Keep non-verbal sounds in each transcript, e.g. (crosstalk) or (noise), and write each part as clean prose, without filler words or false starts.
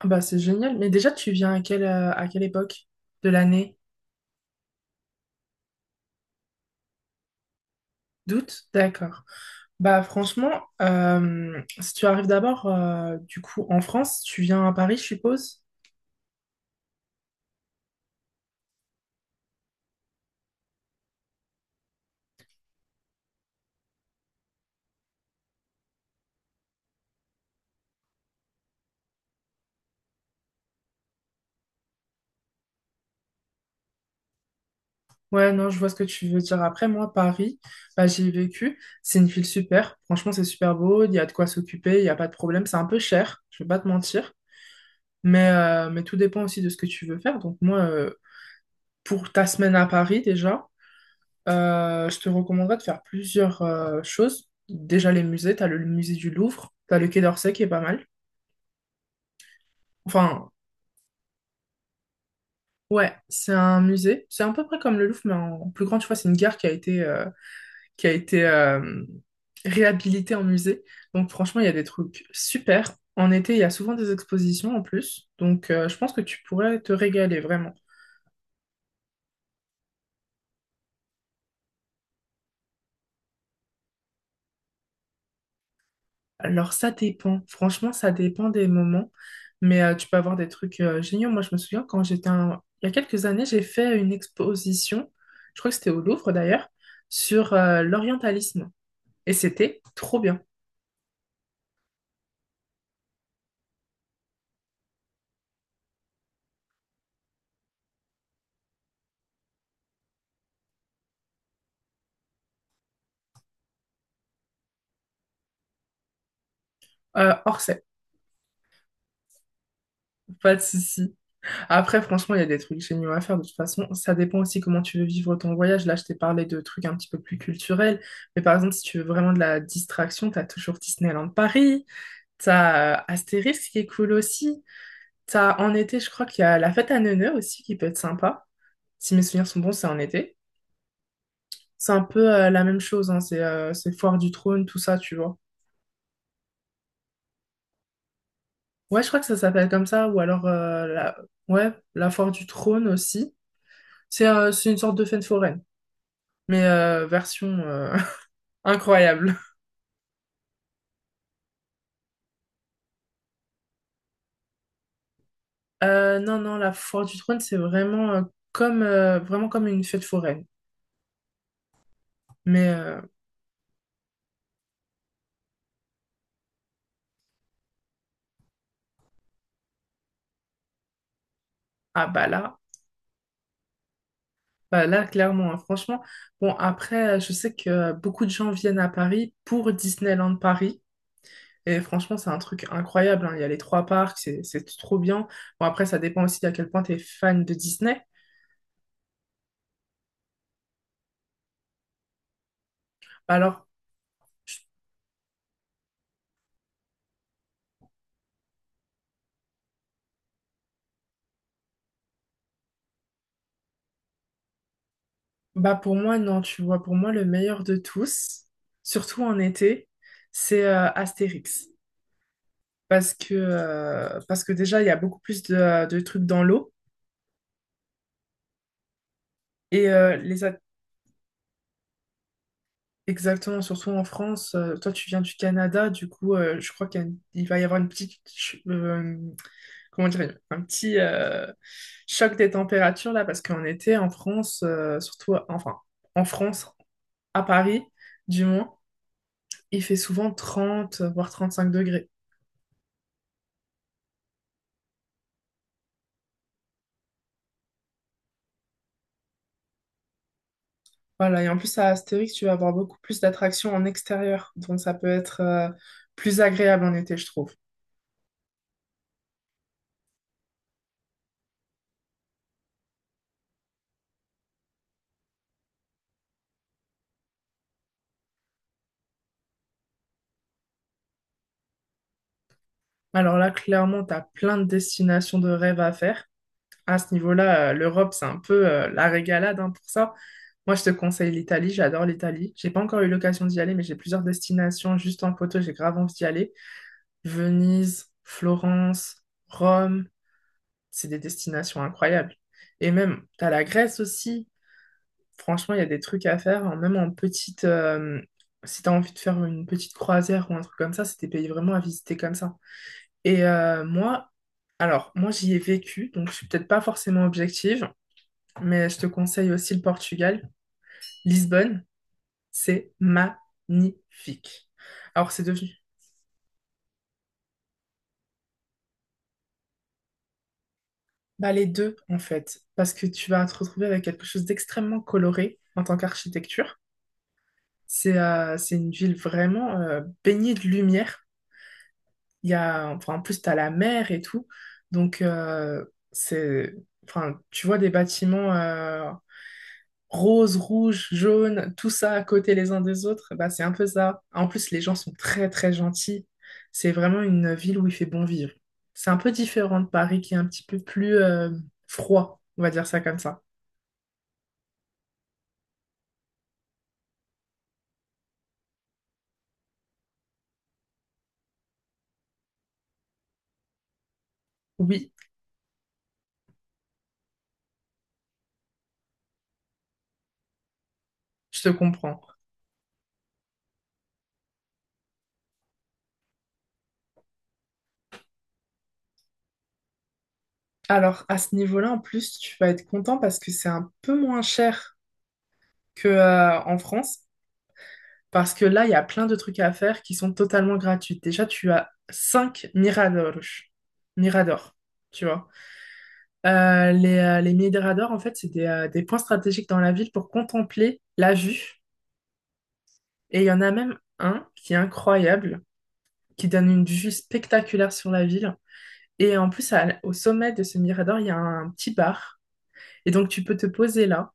Ah, bah, c'est génial. Mais déjà, tu viens à quelle époque de l'année? D'août? D'accord. Bah, franchement, si tu arrives d'abord, du coup, en France, tu viens à Paris, je suppose? Ouais, non, je vois ce que tu veux dire. Après, moi, Paris, bah, j'y ai vécu. C'est une ville super. Franchement, c'est super beau. Il y a de quoi s'occuper. Il n'y a pas de problème. C'est un peu cher. Je vais pas te mentir. Mais tout dépend aussi de ce que tu veux faire. Donc, moi, pour ta semaine à Paris, déjà. Je te recommanderais de faire plusieurs choses. Déjà les musées, t'as le musée du Louvre, t'as le Quai d'Orsay qui est pas mal. Enfin, ouais, c'est un musée. C'est à peu près comme le Louvre, mais en plus grand, tu vois, c'est une gare qui a été réhabilitée en musée. Donc franchement, il y a des trucs super. En été, il y a souvent des expositions en plus. Donc je pense que tu pourrais te régaler vraiment. Alors ça dépend, franchement ça dépend des moments, mais tu peux avoir des trucs géniaux. Moi je me souviens quand j'étais il y a quelques années, j'ai fait une exposition, je crois que c'était au Louvre d'ailleurs, sur l'orientalisme et c'était trop bien. Orsay, pas de souci. Après franchement il y a des trucs géniaux à faire de toute façon, ça dépend aussi comment tu veux vivre ton voyage. Là je t'ai parlé de trucs un petit peu plus culturels, mais par exemple si tu veux vraiment de la distraction, t'as toujours Disneyland Paris, t'as Astérix qui est cool aussi. T'as en été, je crois qu'il y a la fête à Neuneu aussi qui peut être sympa. Si mes souvenirs sont bons, c'est en été. C'est un peu la même chose, hein, c'est Foire du Trône, tout ça, tu vois. Ouais, je crois que ça s'appelle comme ça, ou alors. Ouais, la Foire du Trône aussi. C'est une sorte de fête foraine, mais version (laughs) incroyable. Non, non, la Foire du Trône, c'est vraiment, vraiment comme une fête foraine. Mais euh, ah bah là. Bah là, clairement, hein, franchement. Bon, après, je sais que beaucoup de gens viennent à Paris pour Disneyland Paris. Et franchement, c'est un truc incroyable, hein. Il y a les trois parcs, c'est trop bien. Bon, après, ça dépend aussi à quel point tu es fan de Disney. Alors, je- bah pour moi, non, tu vois, pour moi, le meilleur de tous, surtout en été, c'est Astérix. Parce que déjà, il y a beaucoup plus de trucs dans l'eau. Et Exactement, surtout en France. Toi, tu viens du Canada, du coup, je crois qu'il y a il va y avoir une petite, comment dire, un petit choc des températures là, parce qu'en été, en France, surtout, enfin, en France, à Paris, du moins, il fait souvent 30, voire 35 degrés. Voilà, et en plus, à Astérix, tu vas avoir beaucoup plus d'attractions en extérieur, donc ça peut être plus agréable en été, je trouve. Alors là, clairement, tu as plein de destinations de rêve à faire. À ce niveau-là, l'Europe, c'est un peu la régalade hein, pour ça. Moi, je te conseille l'Italie, j'adore l'Italie. J'ai pas encore eu l'occasion d'y aller, mais j'ai plusieurs destinations juste en photo, j'ai grave envie d'y aller. Venise, Florence, Rome, c'est des destinations incroyables. Et même, t'as la Grèce aussi. Franchement, il y a des trucs à faire, hein, même en petite. Si t'as envie de faire une petite croisière ou un truc comme ça, c'est des pays vraiment à visiter comme ça. Et euh, moi, moi, j'y ai vécu, donc je suis peut-être pas forcément objective mais je te conseille aussi le Portugal. Lisbonne, c'est magnifique. Alors, c'est devenu bah, les deux, en fait, parce que tu vas te retrouver avec quelque chose d'extrêmement coloré en tant qu'architecture. C'est une ville vraiment baignée de lumière. Il y a, enfin, en plus, tu as la mer et tout. Donc, c'est, enfin, tu vois des bâtiments rose, rouge, jaune, tout ça à côté les uns des autres, bah, c'est un peu ça. En plus, les gens sont très, très gentils. C'est vraiment une ville où il fait bon vivre. C'est un peu différent de Paris qui est un petit peu plus froid, on va dire ça comme ça. Oui, je te comprends. Alors, à ce niveau-là, en plus, tu vas être content parce que c'est un peu moins cher que, en France. Parce que là, il y a plein de trucs à faire qui sont totalement gratuits. Déjà, tu as 5 miradors. Miradors, tu vois. Les miradors, en fait, c'est des points stratégiques dans la ville pour contempler la vue. Et il y en a même un qui est incroyable, qui donne une vue spectaculaire sur la ville. Et en plus, au sommet de ce mirador, il y a un petit bar. Et donc, tu peux te poser là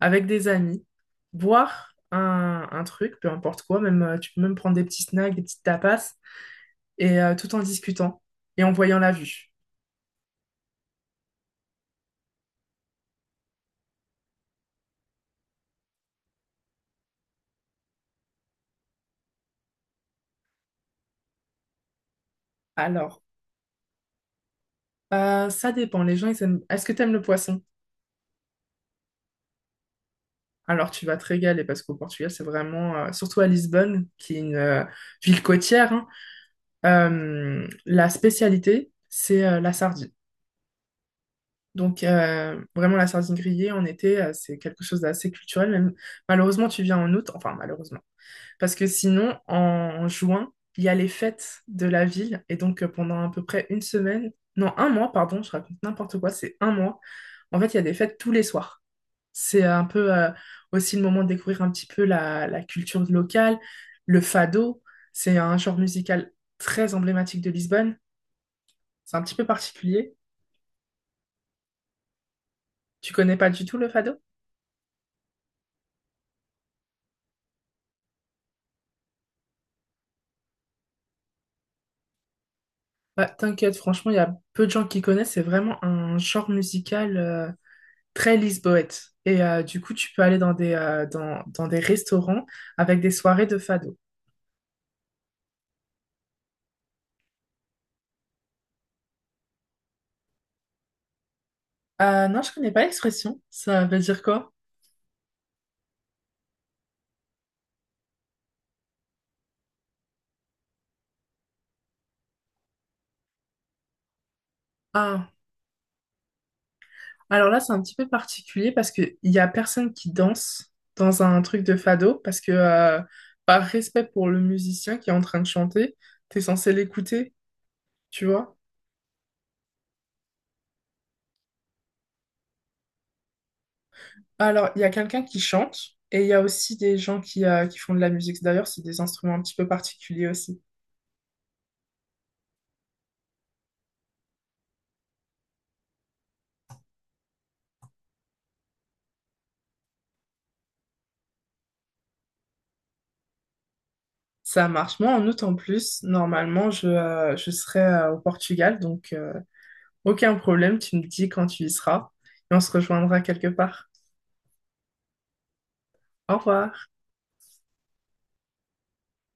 avec des amis, boire un truc, peu importe quoi. Même, tu peux même prendre des petits snacks, des petites tapas, et tout en discutant et en voyant la vue. Alors, ça dépend. Les gens, ils aiment. Est-ce que tu aimes le poisson? Alors, tu vas te régaler parce qu'au Portugal, c'est vraiment, surtout à Lisbonne, qui est une ville côtière, hein, la spécialité, c'est la sardine. Donc, vraiment, la sardine grillée en été, c'est quelque chose d'assez culturel. Même, malheureusement, tu viens en août, enfin, malheureusement. Parce que sinon, en juin, il y a les fêtes de la ville. Et donc, pendant à peu près une semaine, non, un mois, pardon, je raconte n'importe quoi, c'est un mois. En fait, il y a des fêtes tous les soirs. C'est un peu aussi le moment de découvrir un petit peu la culture locale. Le fado, c'est un genre musical très emblématique de Lisbonne. C'est un petit peu particulier. Tu connais pas du tout le fado? Bah, t'inquiète, franchement, il y a peu de gens qui connaissent. C'est vraiment un genre musical très lisboète. Et du coup, tu peux aller dans des restaurants avec des soirées de fado. Non, je connais pas l'expression. Ça veut dire quoi? Alors là, c'est un petit peu particulier parce qu'il y a personne qui danse dans un truc de fado parce que, par respect pour le musicien qui est en train de chanter, t'es censé l'écouter, tu vois. Alors, il y a quelqu'un qui chante et il y a aussi des gens qui font de la musique. D'ailleurs, c'est des instruments un petit peu particuliers aussi. Ça marche. Moi, en août en plus, normalement, je serai au Portugal, donc aucun problème, tu me dis quand tu y seras et on se rejoindra quelque part. Au revoir.